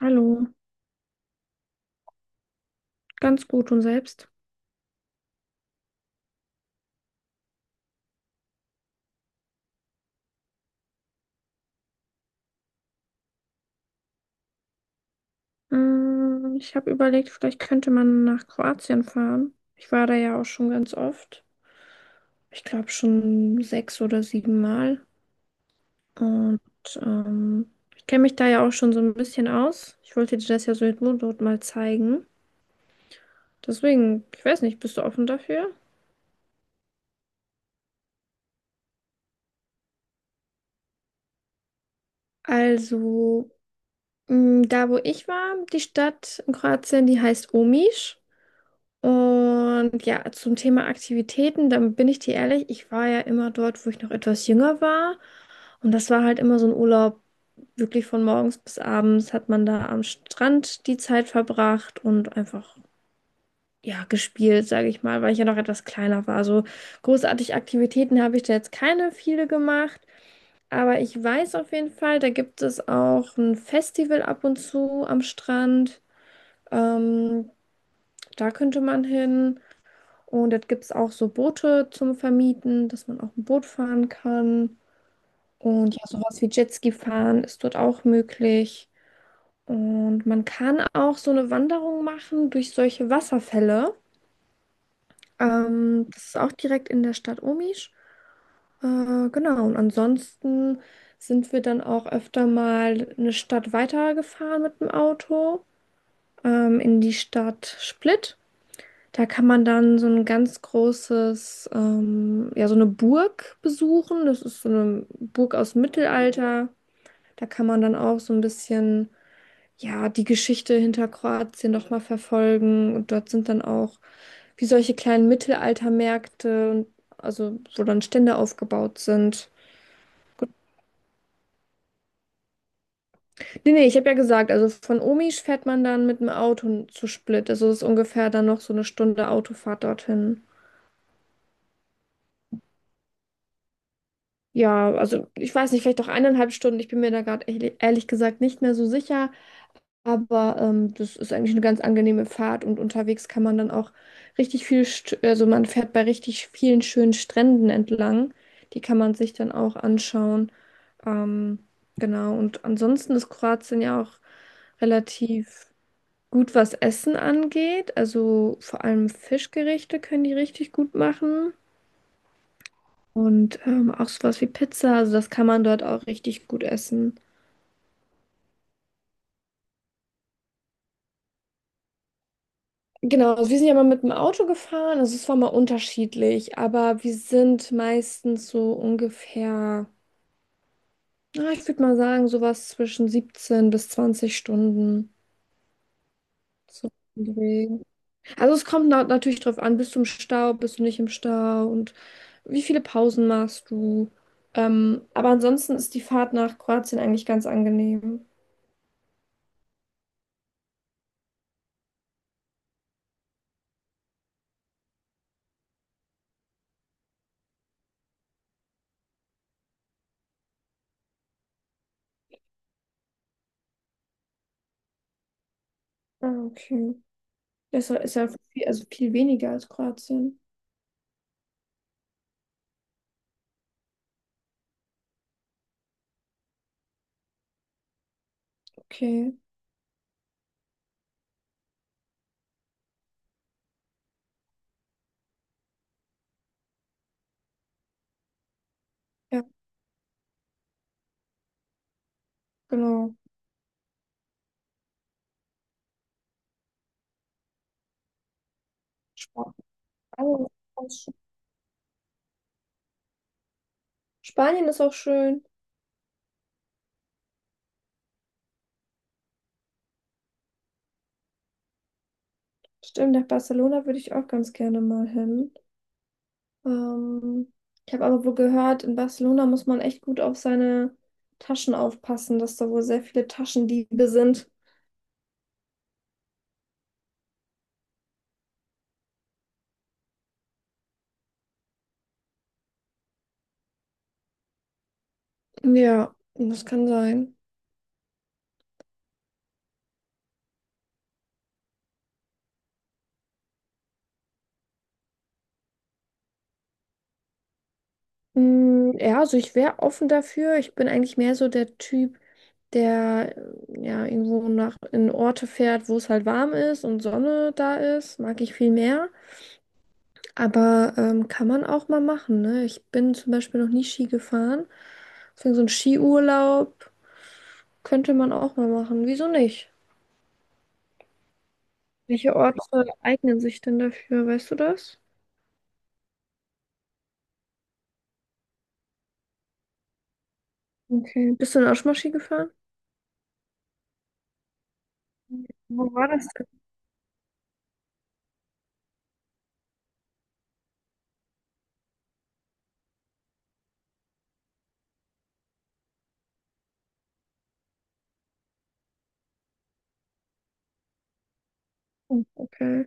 Hallo, ganz gut und selbst? Ich habe überlegt, vielleicht könnte man nach Kroatien fahren. Ich war da ja auch schon ganz oft. Ich glaube schon sechs oder sieben Mal. Und ich kenne mich da ja auch schon so ein bisschen aus. Ich wollte dir das ja so in dort mal zeigen. Deswegen, ich weiß nicht, bist du offen dafür? Also, da wo ich war, die Stadt in Kroatien, die heißt Omiš. Und ja, zum Thema Aktivitäten, dann bin ich dir ehrlich, ich war ja immer dort, wo ich noch etwas jünger war. Und das war halt immer so ein Urlaub, wirklich von morgens bis abends hat man da am Strand die Zeit verbracht und einfach, ja, gespielt, sage ich mal, weil ich ja noch etwas kleiner war. So großartig Aktivitäten habe ich da jetzt keine viele gemacht. Aber ich weiß auf jeden Fall, da gibt es auch ein Festival ab und zu am Strand. Ähm, Da könnte man hin. Und dort gibt es auch so Boote zum Vermieten, dass man auch ein Boot fahren kann. Und ja, sowas wie Jetski fahren ist dort auch möglich. Und man kann auch so eine Wanderung machen durch solche Wasserfälle. Das ist auch direkt in der Stadt Omisch. Genau, und ansonsten sind wir dann auch öfter mal eine Stadt weitergefahren mit dem Auto, in die Stadt Split. Da kann man dann so ein ganz großes, ja, so eine Burg besuchen. Das ist so eine Burg aus dem Mittelalter. Da kann man dann auch so ein bisschen, ja, die Geschichte hinter Kroatien nochmal verfolgen. Und dort sind dann auch wie solche kleinen Mittelaltermärkte und also, wo dann Stände aufgebaut sind. Gut. Nee, nee, ich habe ja gesagt, also von Omisch fährt man dann mit dem Auto zu Split. Also es ist ungefähr dann noch so eine Stunde Autofahrt dorthin. Ja, also ich weiß nicht, vielleicht auch eineinhalb Stunden. Ich bin mir da gerade ehrlich gesagt nicht mehr so sicher. Aber das ist eigentlich eine ganz angenehme Fahrt und unterwegs kann man dann auch richtig viel, St also man fährt bei richtig vielen schönen Stränden entlang. Die kann man sich dann auch anschauen. Ähm, genau, und ansonsten ist Kroatien ja auch relativ gut, was Essen angeht. Also vor allem Fischgerichte können die richtig gut machen. Und auch sowas wie Pizza, also das kann man dort auch richtig gut essen. Genau, also wir sind ja mal mit dem Auto gefahren, also es war mal unterschiedlich, aber wir sind meistens so ungefähr, na, ich würde mal sagen, sowas zwischen 17 bis 20 Stunden. So im Dreh. Also es kommt natürlich drauf an, bist du im Stau, bist du nicht im Stau und wie viele Pausen machst du. Aber ansonsten ist die Fahrt nach Kroatien eigentlich ganz angenehm. Ah, okay. Das ist ja viel, also viel weniger als Kroatien. Okay, ja, genau. Spanien ist auch schön. Spanien ist auch schön. Stimmt, nach Barcelona würde ich auch ganz gerne mal hin. Ähm, Ich habe aber wohl gehört, in Barcelona muss man echt gut auf seine Taschen aufpassen, dass da wohl sehr viele Taschendiebe sind. Ja, das kann sein. Ja, also ich wäre offen dafür. Ich bin eigentlich mehr so der Typ, der ja irgendwo nach in Orte fährt, wo es halt warm ist und Sonne da ist. Mag ich viel mehr. Aber kann man auch mal machen, ne? Ich bin zum Beispiel noch nie Ski gefahren. Deswegen so ein Skiurlaub könnte man auch mal machen. Wieso nicht? Welche Orte eignen sich denn dafür? Weißt du das? Okay. Bist du denn auch schon mal Ski gefahren? Wo war das denn? Okay.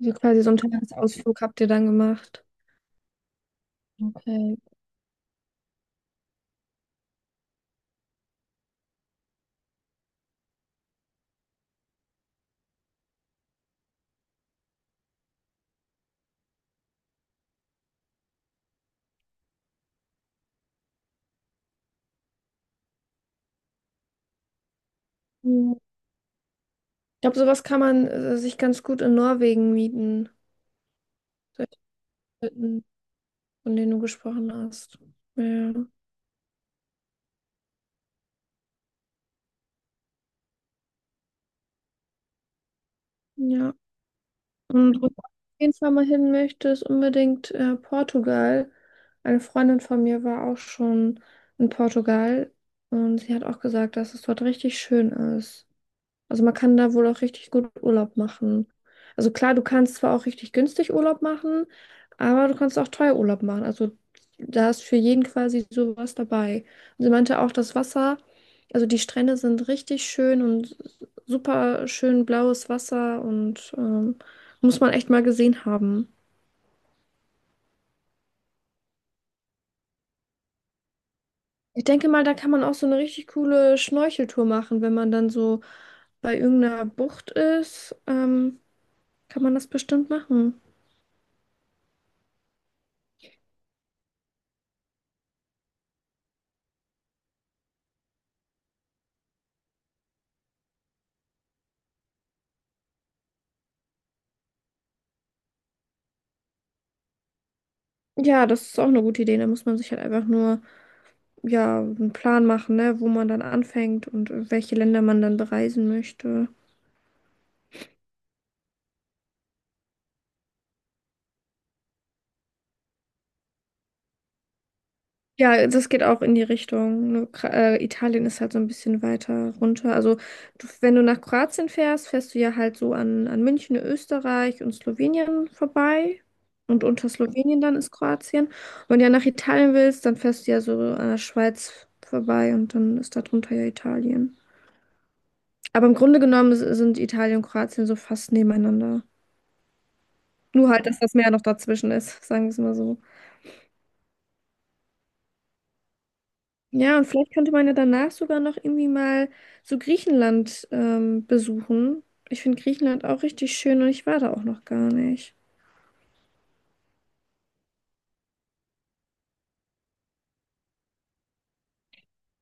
Also quasi so einen Tagesausflug habt ihr dann gemacht. Okay. Hm. Ich glaube, sowas kann man sich ganz gut in Norwegen mieten. Solche Hütten, von denen du gesprochen hast. Ja. Ja. Und wo du auf jeden Fall mal hin möchtest, unbedingt Portugal. Eine Freundin von mir war auch schon in Portugal und sie hat auch gesagt, dass es dort richtig schön ist. Also man kann da wohl auch richtig gut Urlaub machen. Also klar, du kannst zwar auch richtig günstig Urlaub machen, aber du kannst auch teuer Urlaub machen. Also da ist für jeden quasi sowas dabei. Und sie meinte auch, das Wasser, also die Strände sind richtig schön und super schön blaues Wasser und muss man echt mal gesehen haben. Ich denke mal, da kann man auch so eine richtig coole Schnorcheltour machen, wenn man dann so bei irgendeiner Bucht ist, kann man das bestimmt machen. Ja, das ist auch eine gute Idee. Da muss man sich halt einfach nur, ja, einen Plan machen, ne, wo man dann anfängt und welche Länder man dann bereisen möchte. Ja, das geht auch in die Richtung. Nur, Italien ist halt so ein bisschen weiter runter. Also, du, wenn du nach Kroatien fährst, fährst du ja halt so an München, Österreich und Slowenien vorbei. Und unter Slowenien dann ist Kroatien. Und wenn du ja nach Italien willst, dann fährst du ja so an der Schweiz vorbei und dann ist da drunter ja Italien. Aber im Grunde genommen sind Italien und Kroatien so fast nebeneinander. Nur halt, dass das Meer noch dazwischen ist, sagen wir es mal so. Ja, und vielleicht könnte man ja danach sogar noch irgendwie mal so Griechenland besuchen. Ich finde Griechenland auch richtig schön und ich war da auch noch gar nicht.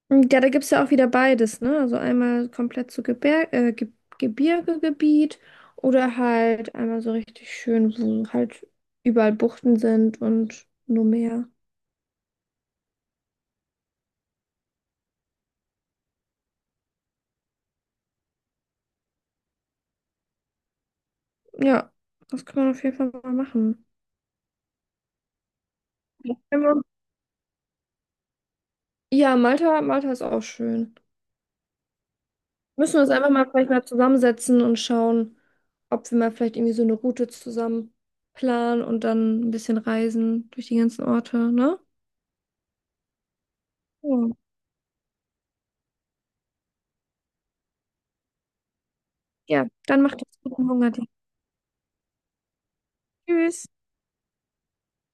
Und ja, da gibt es ja auch wieder beides, ne? Also einmal komplett so Gebirgegebiet oder halt einmal so richtig schön, wo halt überall Buchten sind und nur Meer. Ja, das kann man auf jeden Fall mal machen. Ja. Ja, Malta ist auch schön. Müssen wir uns einfach mal vielleicht mal zusammensetzen und schauen, ob wir mal vielleicht irgendwie so eine Route zusammen planen und dann ein bisschen reisen durch die ganzen Orte, ne? Ja, ja, dann macht es guten Hunger dir. Tschüss.